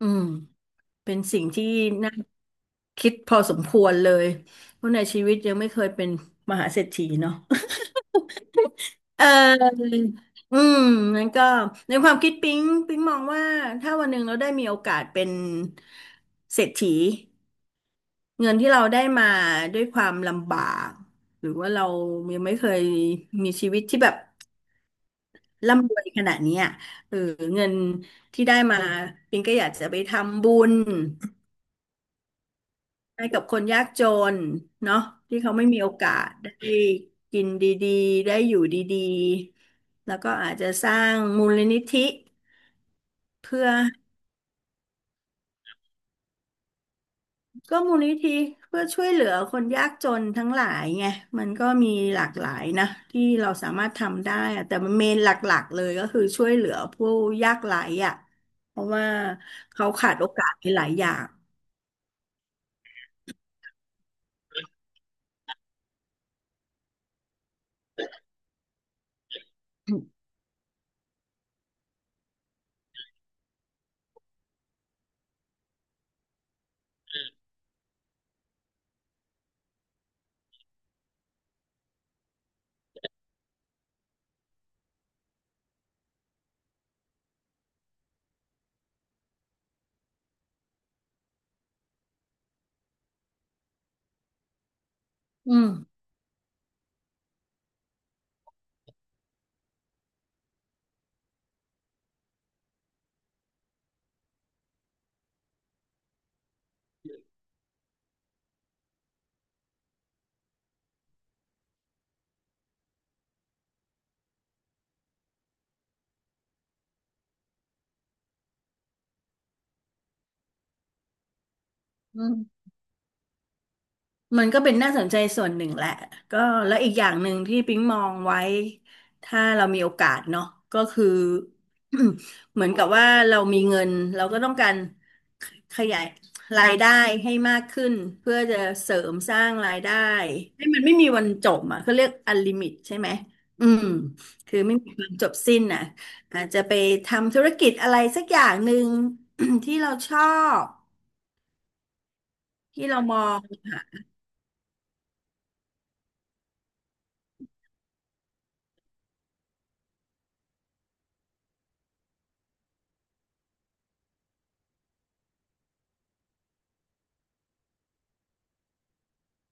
อืมเป็นสิ่งที่น่าคิดพอสมควรเลยเพราะในชีวิตยังไม่เคยเป็นมหาเศรษฐีเนาะ เอออืมนั้นก็ในความคิดปิ๊งมองว่าถ้าวันหนึ่งเราได้มีโอกาสเป็นเศรษฐีเงินที่เราได้มาด้วยความลำบากหรือว่าเรายังไม่เคยมีชีวิตที่แบบร่ำรวยขนาดเนี้ยเออเงินที่ได้มาปิ๊งก็อยากจะไปทำบุญ ให้กับคนยากจนเนาะที่เขาไม่มีโอกาสได้กินดีๆได้อยู่ดีๆแล้วก็อาจจะสร้างมูลนิธิเพื่อก็มูลนิธิเพื่อช่วยเหลือคนยากจนทั้งหลายไงมันก็มีหลากหลายนะที่เราสามารถทำได้อะแต่มันเมนหลักๆเลยก็คือช่วยเหลือผู้ยากไร้อ่ะเพราะว่าเขาขาดโอกาสในหลายอย่างอืมอืม มันก็เป็นน่าสนใจส่วนหนึ่งแหละก็แล้วอีกอย่างหนึ่งที่ปิ๊งมองไว้ถ้าเรามีโอกาสเนาะก็คือ เหมือนกับว่าเรามีเงินเราก็ต้องการขขยายรายได้ให้มากขึ้นเพื่อจะเสริมสร้างรายได้ให้มันไม่มีวันจบอ่ะเขาเรียกลิมิตใช่ไหมอืมคือไม่มีวันจบสิ้นอ่ะอาจจะไปทำธุรกิจอะไรสักอย่างหนึ่ง ที่เราชอบที่เรามอง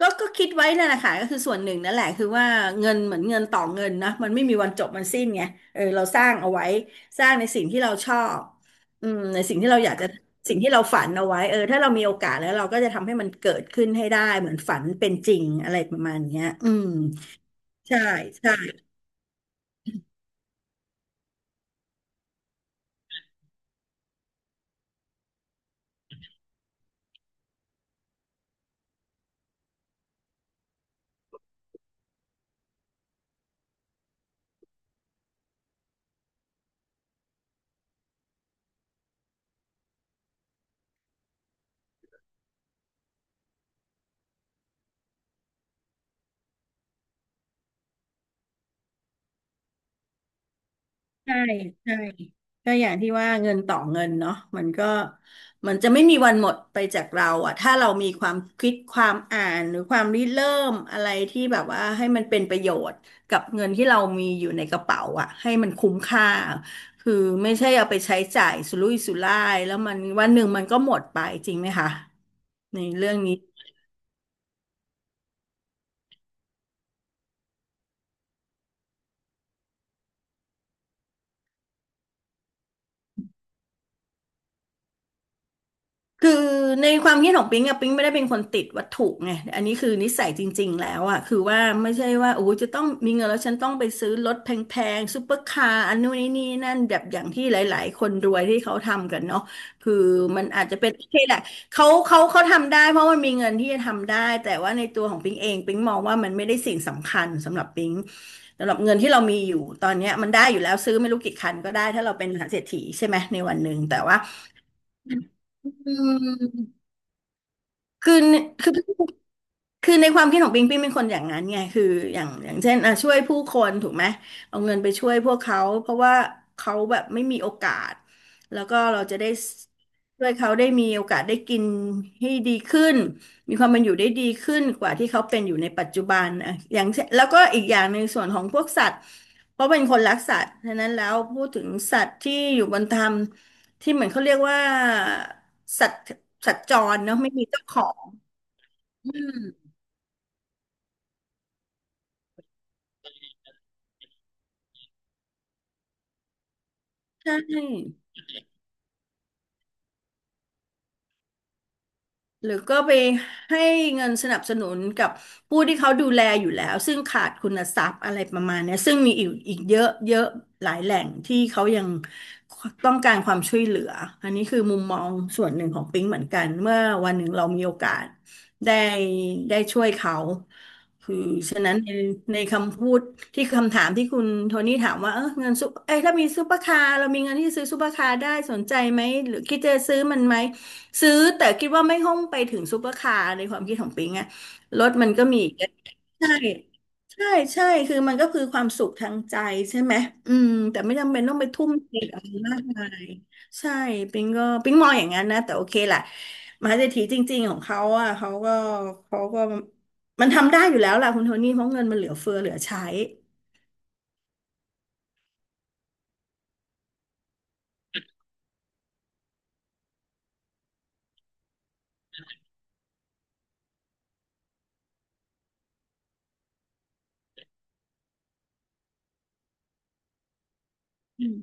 ก็ก็คิดไว้นั่นแหละค่ะก็คือส่วนหนึ่งนั่นแหละคือว่าเงินเหมือนเงินต่อเงินนะมันไม่มีวันจบมันสิ้นไงเออเราสร้างเอาไว้สร้างในสิ่งที่เราชอบอืมในสิ่งที่เราอยากจะสิ่งที่เราฝันเอาไว้เออถ้าเรามีโอกาสแล้วเราก็จะทำให้มันเกิดขึ้นให้ได้เหมือนฝันเป็นจริงอะไรประมาณเนี้ยอืมใช่ใช่ ใช่ใช่ก็อย่างที่ว่าเงินต่อเงินเนาะมันก็มันจะไม่มีวันหมดไปจากเราอะถ้าเรามีความคิดความอ่านหรือความริเริ่มอะไรที่แบบว่าให้มันเป็นประโยชน์กับเงินที่เรามีอยู่ในกระเป๋าอะให้มันคุ้มค่าคือไม่ใช่เอาไปใช้จ่ายสุรุ่ยสุร่ายแล้วมันวันหนึ่งมันก็หมดไปจริงไหมคะในเรื่องนี้ คือในความคิดของปิ๊งอะปิ๊งไม่ได้เป็นคนติดวัตถุไงอันนี้คือนิสัยจริงๆแล้วอะคือว่าไม่ใช่ว่าโอ้ยจะต้องมีเงินแล้วฉันต้องไปซื้อรถแพงๆซูเปอร์คาร์อันนู้นนี่นี่นั่นแบบอย่างที่หลายๆคนรวยที่เขาทำกันเนาะคือมันอาจจะเป็นโอเคแหละเขาทำได้เพราะมันมีเงินที่จะทำได้แต่ว่าในตัวของปิ๊งเองปิ๊งมองว่ามันไม่ได้สิ่งสำคัญสำหรับปิ๊งสำหรับเงินที่เรามีอยู่ตอนเนี้ยมันได้อยู่แล้วซื้อไม่รู้กี่คันก็ได้ถ้าเราเป็นมหาเศรษฐีใช่ไหมในวันหนึ่งแต่ว่าอืม คือคือคือในความคิดของปิงปิงเป็นคนอย่างนั้นไงคืออย่างอย่างเช่นอ่ะช่วยผู้คนถูกไหมเอาเงินไปช่วยพวกเขาเพราะว่าเขาแบบไม่มีโอกาสแล้วก็เราจะได้ช่วยเขาได้มีโอกาสได้กินให้ดีขึ้นมีความเป็นอยู่ได้ดีขึ้นกว่าที่เขาเป็นอยู่ในปัจจุบันอ่ะอย่างเช่นแล้วก็อีกอย่างในงส่วนของพวกสัตว์เพราะเป็นคนรักสัตว์ฉะนั้นแล้วพูดถึงสัตว์ที่อยู่บนธรรมที่เหมือนเขาเรียกว่าสัตว์สัตว์จรเนาะไม่มีเจ้าของ อืมใช่หรือก็ไปให้เงินสนับสนุนกับผู้ที่เขาดูแลอยู่แล้วซึ่งขาดคุณทรัพย์อะไรประมาณเนี้ยซึ่งมีอีกเยอะเยอะหลายแหล่งที่เขายังต้องการความช่วยเหลืออันนี้คือมุมมองส่วนหนึ่งของปิ๊งเหมือนกันเมื่อวันหนึ่งเรามีโอกาสได้ได้ช่วยเขาคือฉะนั้นในในคำพูดที่คำถามที่คุณโทนี่ถามว่าเออเงินซุปเอ้ยถ้ามีซุปเปอร์คาร์เรามีเงินที่จะซื้อซุปเปอร์คาร์ได้สนใจไหมหรือคิดจะซื้อมันไหม ซื้อแต่คิดว่าไม่ห้องไปถึงซูเปอร์คาร์ในความคิดของปิงอะรถมันก็มีอีกใช่ใช่ใช่คือมันก็คือความสุขทางใจใช่ไหมอืมแต่ไม่จำเป็นต้องไปทุ่มเทอะไรมากมายใช่ปิงก็ปิงมองอย่างนั้นนะแต่โอเคแหละมหาเศรษฐีจริงๆของเขาอ่ะเขาก็มันทำได้อยู่แล้วล่ะคุณโทนี่เพราะเงินมันเหลือเฟือเหลือใช้อืม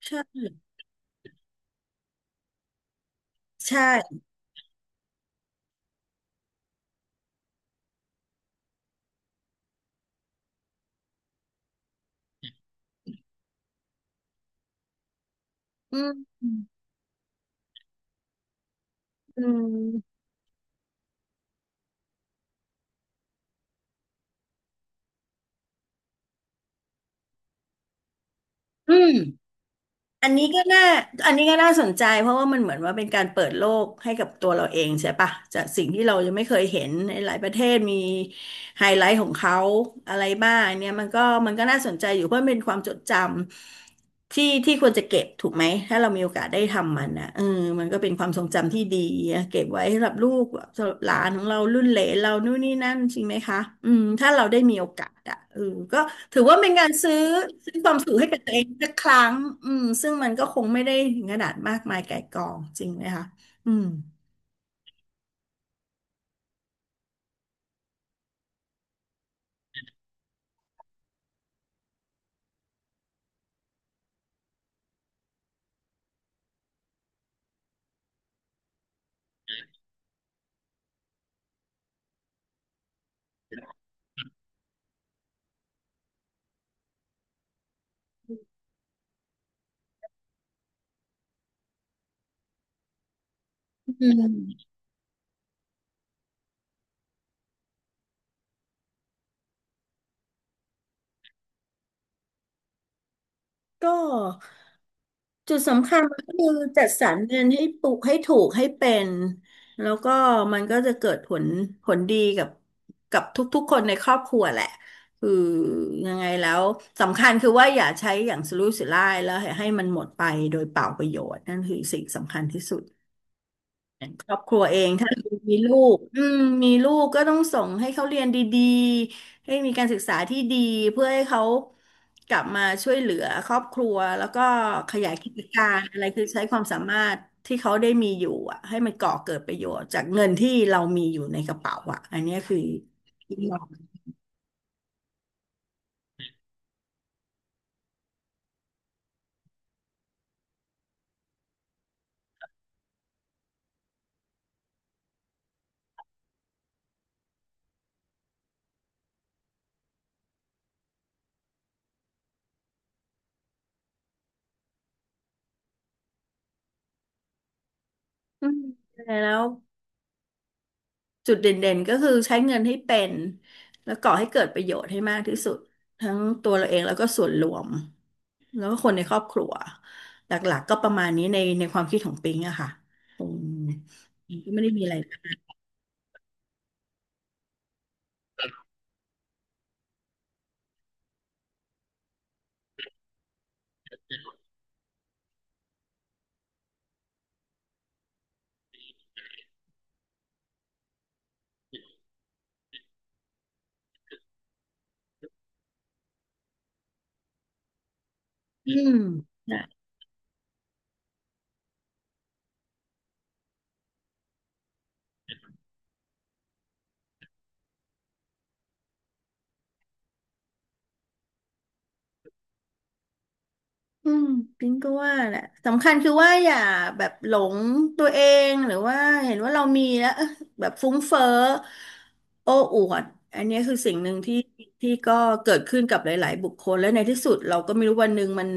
ใช่ใช่อืมอืมอืม อันนี้ก็น่าอันนี้ก็น่าสนใจเพราะว่ามันเหมือนว่าเป็นการเปิดโลกให้กับตัวเราเองใช่ปะจากสิ่งที่เรายังไม่เคยเห็นในหลายประเทศมีไฮไลท์ของเขาอะไรบ้างเนี่ยมันก็น่าสนใจอยู่เพราะมันเป็นความจดจำที่ควรจะเก็บถูกไหมถ้าเรามีโอกาสได้ทำมันนะเออมันก็เป็นความทรงจำที่ดีอะเก็บไว้สำหรับลูกสำหรับหลานของเรารุ่นเหลนเรานู่นนี่นั่นจริงไหมคะอืมถ้าเราได้มีโอกาสอะ เออก็ถือว่าเป็นการซื้อความสุขให้กับตัวเองสักครั้งอืมซึ่งมันก็คงไม่ได้ถึงขนาดมากมายไก่กองจริงไหมคะอืมอืมก็จุดสำคัญก็คือจัดสรรเงินให้ปลูกให้ถูกให้เป็นแล้วก็มันก็จะเกิดผลดีกับทุกๆคนในครอบครัวแหละคือยังไงแล้วสำคัญคือว่าอย่าใช้อย่างสุรุ่ยสุร่ายแล้วให้มันหมดไปโดยเปล่าประโยชน์นั่นคือสิ่งสำคัญที่สุด ครอบครัวเองถ้ามีลูกอืมมีลูกก็ต้องส่งให้เขาเรียนดีๆให้มีการศึกษาที่ดีเพื่อให้เขากลับมาช่วยเหลือครอบครัวแล้วก็ขยายกิจการอะไรคือใช้ความสามารถที่เขาได้มีอยู่อะให้มันก่อเกิดประโยชน์จากเงินที่เรามีอยู่ในกระเป๋าอะอันเนี้ยคือคิดว่าอืมแล้ว จุดเด่นๆ ก็คือใช้เงินให้เป็นแล้วก่อให้เกิดประโยชน์ให้มากที่สุดทั้งตัวเราเองแล้วก็ส่วนรวมแล้วก็คนในครอบครัวหลักๆ ก็ประมาณนี้ในความคิดของปิงอะค่ะอืมปิงก็ไม่ได้มีอะไรอืม อืมปิงก็ว่าแหละสำคัญคือว่าอย่าแบบหลงตัวเองหรือว่าเห็นว่าเรามีแล้วเอ๊ะแบบฟุ้งเฟ้อโอ้อวดอันเนี้ยคือสิ่งหนึ่งที่ก็เกิดขึ้นกับหลายๆ บุคคลและในที่สุดเราก็ไม่รู้วันหนึ่งมัน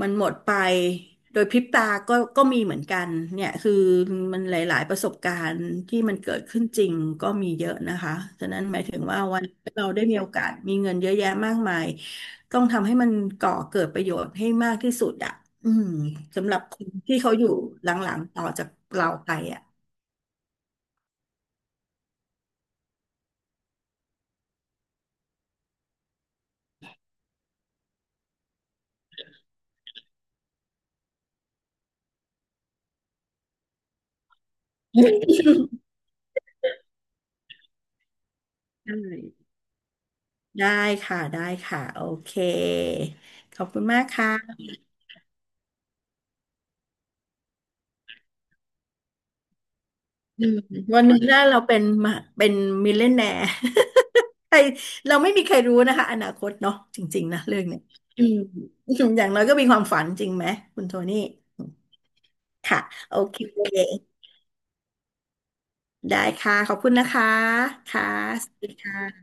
มันหมดไปโดยพริบตาก็ก็มีเหมือนกันเนี่ยคือมันหลายๆประสบการณ์ที่มันเกิดขึ้นจริงก็มีเยอะนะคะฉะนั้นหมายถึงว่าวันเราได้มีโอกาสมีเงินเยอะแยะมากมาย ต้องทำให้มันก่อเกิดประโยชน์ให้มากที่สุดอ่ะอืมสำหรับคนที่เขาอยู่หลังๆต่อจากเราไปอ่ะได้ได้ค่ะได้ค่ะโอเคขอบคุณมากค่ะอืมวันหนี้ถ้าเราเป็นมาเป็นมิลเลนแนร์ ใครเราไม่มีใครรู้นะคะอนาคตเนาะจริงๆนะเรื่องเนี้ย อย่างน้อยก็มีความฝันจริงไหมคุณโทนี่ค่ะโอเคได้ค่ะขอบคุณนะคะค่ะสวัสดีค่ะ